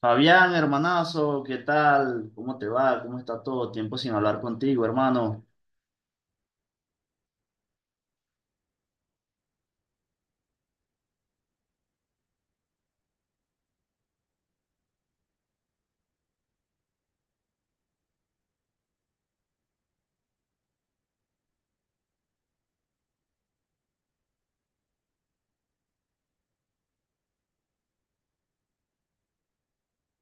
Fabián, hermanazo, ¿qué tal? ¿Cómo te va? ¿Cómo está todo? Tiempo sin hablar contigo, hermano.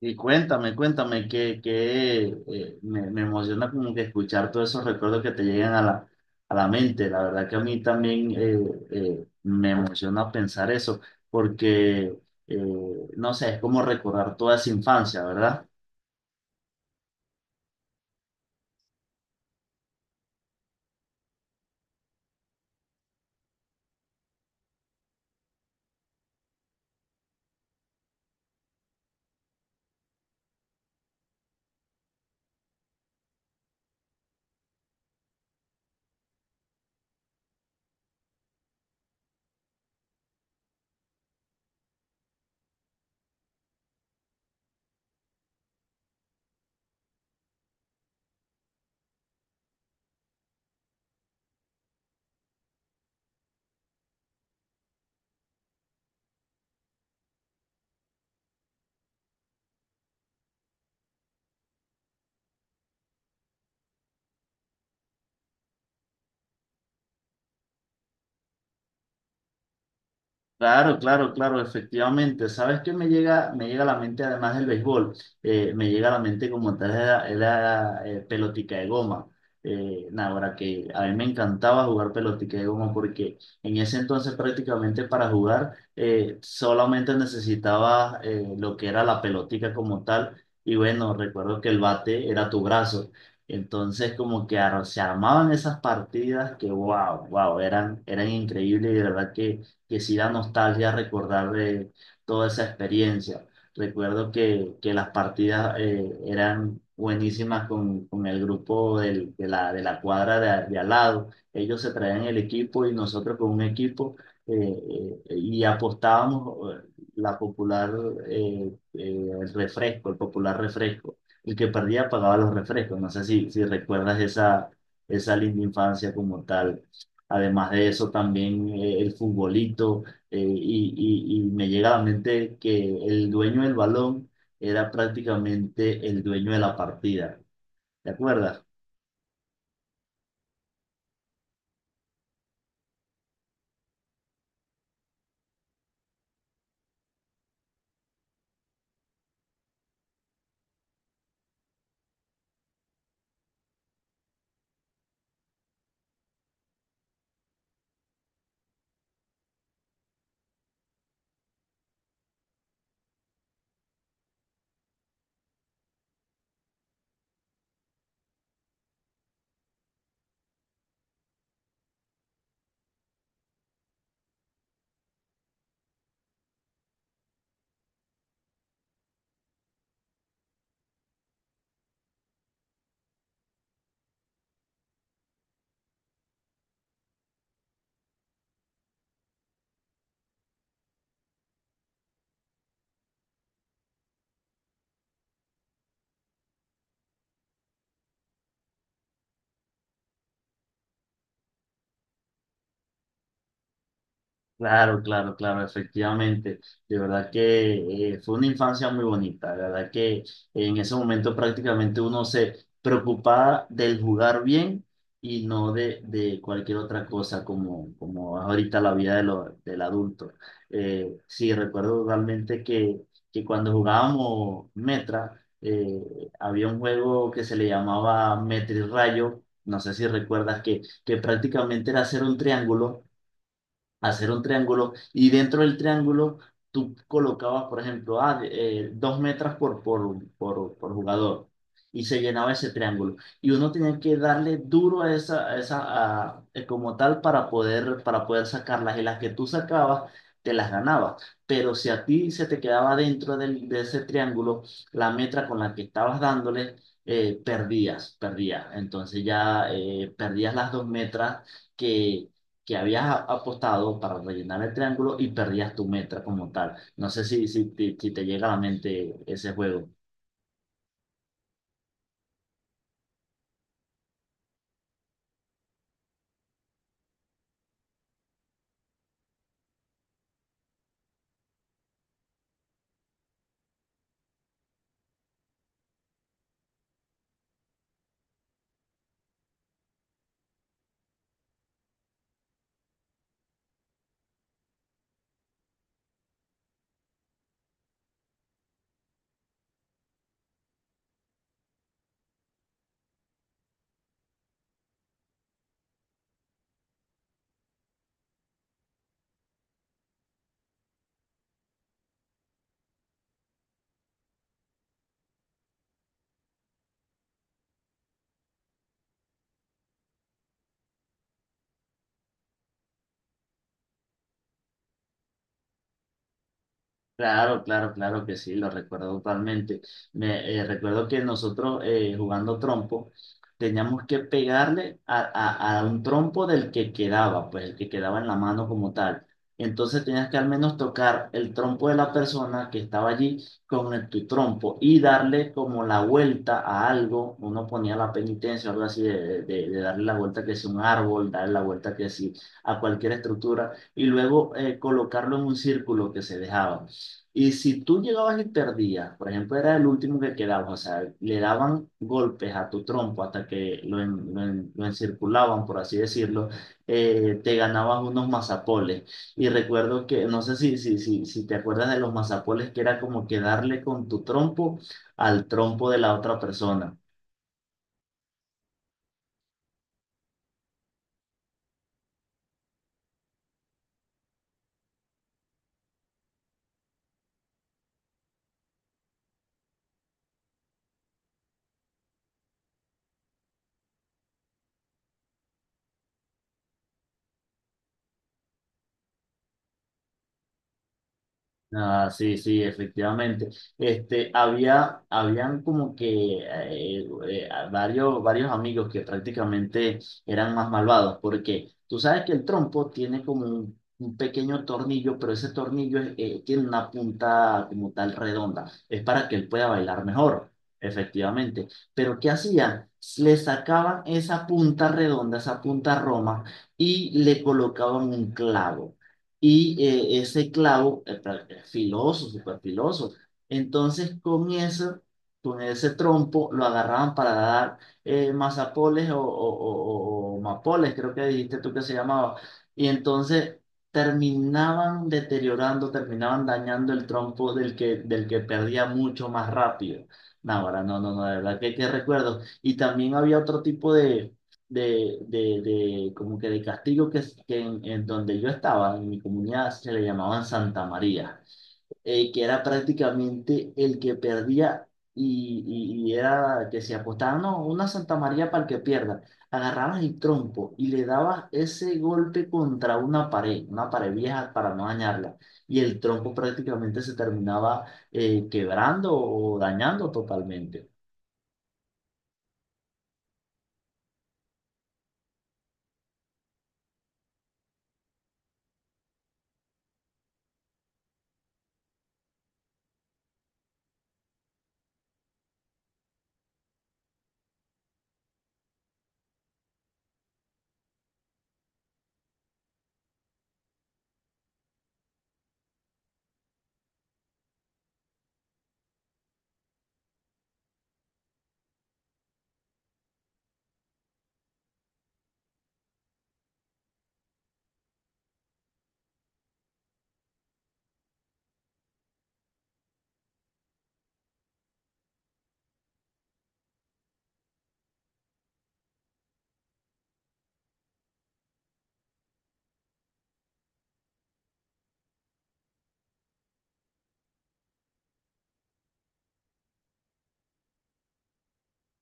Y cuéntame, que me emociona como que escuchar todos esos recuerdos que te llegan a la mente. La verdad que a mí también me emociona pensar eso, porque, eh, no sé, es como recordar toda esa infancia, ¿verdad? Claro, claro, claro, efectivamente. ¿Sabes qué me llega a la mente, además del béisbol? Me llega a la mente como tal la pelotica de goma. Nada, ahora que a mí me encantaba jugar pelotica de goma porque en ese entonces prácticamente para jugar solamente necesitaba lo que era la pelotica como tal. Y bueno, recuerdo que el bate era tu brazo. Entonces como que se armaban esas partidas que wow, eran increíbles y de verdad que sí da nostalgia recordar de toda esa experiencia. Recuerdo que las partidas eran buenísimas con el grupo de la cuadra de al lado. Ellos se traían el equipo y nosotros con un equipo eh, y apostábamos la popular, el refresco, el popular refresco. El que perdía pagaba los refrescos. No sé si, si recuerdas esa linda infancia como tal. Además de eso, también el futbolito, y me llega a la mente que el dueño del balón era prácticamente el dueño de la partida. ¿Te acuerdas? Claro, claro, claro, efectivamente. De verdad que fue una infancia muy bonita. De verdad que en ese momento prácticamente uno se preocupaba del jugar bien y no de cualquier otra cosa como, como es ahorita la vida de del adulto. Sí, recuerdo realmente que cuando jugábamos Metra, había un juego que se le llamaba Metra y Rayo. No sé si recuerdas que prácticamente era hacer un triángulo y dentro del triángulo tú colocabas, por ejemplo, dos metros por jugador y se llenaba ese triángulo. Y uno tenía que darle duro a esa, como tal para poder sacarlas y las que tú sacabas. Te las ganabas, pero si a ti se te quedaba dentro de ese triángulo la metra con la que estabas dándole, perdías, entonces ya perdías las dos metras, que que habías apostado para rellenar el triángulo y perdías tu meta como tal. No sé si te llega a la mente ese juego. Claro, claro, claro que sí, lo recuerdo totalmente. Recuerdo que nosotros jugando trompo teníamos que pegarle a, a un trompo del que quedaba, pues el que quedaba en la mano como tal. Entonces tenías que al menos tocar el trompo de la persona que estaba allí con tu trompo y darle como la vuelta a algo. Uno ponía la penitencia, algo así, de darle la vuelta que sea un árbol, darle la vuelta que sí a cualquier estructura y luego colocarlo en un círculo que se dejaba. Y si tú llegabas y perdías, por ejemplo, era el último que quedaba, o sea, le daban golpes a tu trompo hasta que lo encirculaban, por así decirlo, te ganabas unos mazapoles. Y recuerdo que, no sé si te acuerdas de los mazapoles, que era como que darle con tu trompo al trompo de la otra persona. Ah, sí, sí, efectivamente. Este, habían como que varios amigos que prácticamente eran más malvados, porque tú sabes que el trompo tiene como un pequeño tornillo, pero ese tornillo tiene una punta como tal redonda. Es para que él pueda bailar mejor, efectivamente. Pero ¿qué hacían? Le sacaban esa punta redonda, esa punta roma, y le colocaban un clavo y ese clavo es filoso, súper filoso. Entonces, con eso, con ese trompo, lo agarraban para dar mazapoles o mapoles, creo que dijiste tú que se llamaba. Y entonces terminaban deteriorando, terminaban dañando el trompo del que perdía mucho más rápido. No, ahora no, no, no, de verdad que recuerdo. Y también había otro tipo de como que de castigo que en donde yo estaba, en mi comunidad, se le llamaban Santa María, que era prácticamente el que perdía y, y era que se apostaban, no, una Santa María para el que pierda. Agarrabas el trompo y le dabas ese golpe contra una pared vieja para no dañarla. Y el trompo prácticamente se terminaba quebrando o dañando totalmente.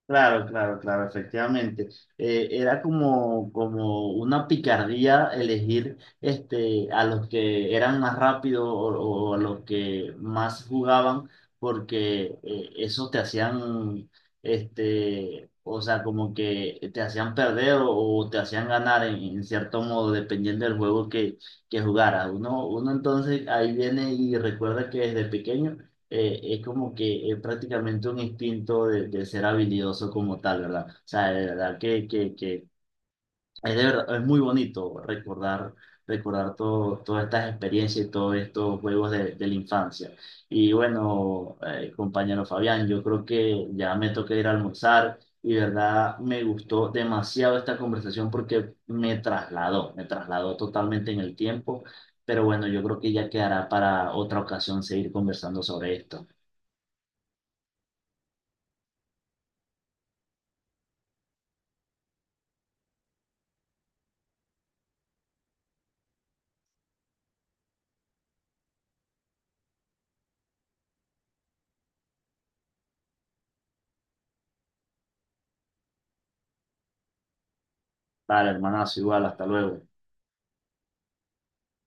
Claro, claro, claro, efectivamente. Era como, como una picardía elegir este, a los que eran más rápidos o a los que más jugaban, porque eso te hacían, este, o sea, como que te hacían perder o te hacían ganar en cierto modo, dependiendo del juego que jugaras. Uno entonces ahí viene y recuerda que desde pequeño es como que es prácticamente un instinto de ser habilidoso como tal, ¿verdad? O sea, de verdad que es, es muy bonito recordar, recordar todo, todas estas experiencias y todos estos juegos de la infancia. Y bueno, compañero Fabián, yo creo que ya me toca ir a almorzar y de verdad me gustó demasiado esta conversación porque me trasladó totalmente en el tiempo. Pero bueno, yo creo que ya quedará para otra ocasión seguir conversando sobre esto. Vale, hermanazo, igual, hasta luego.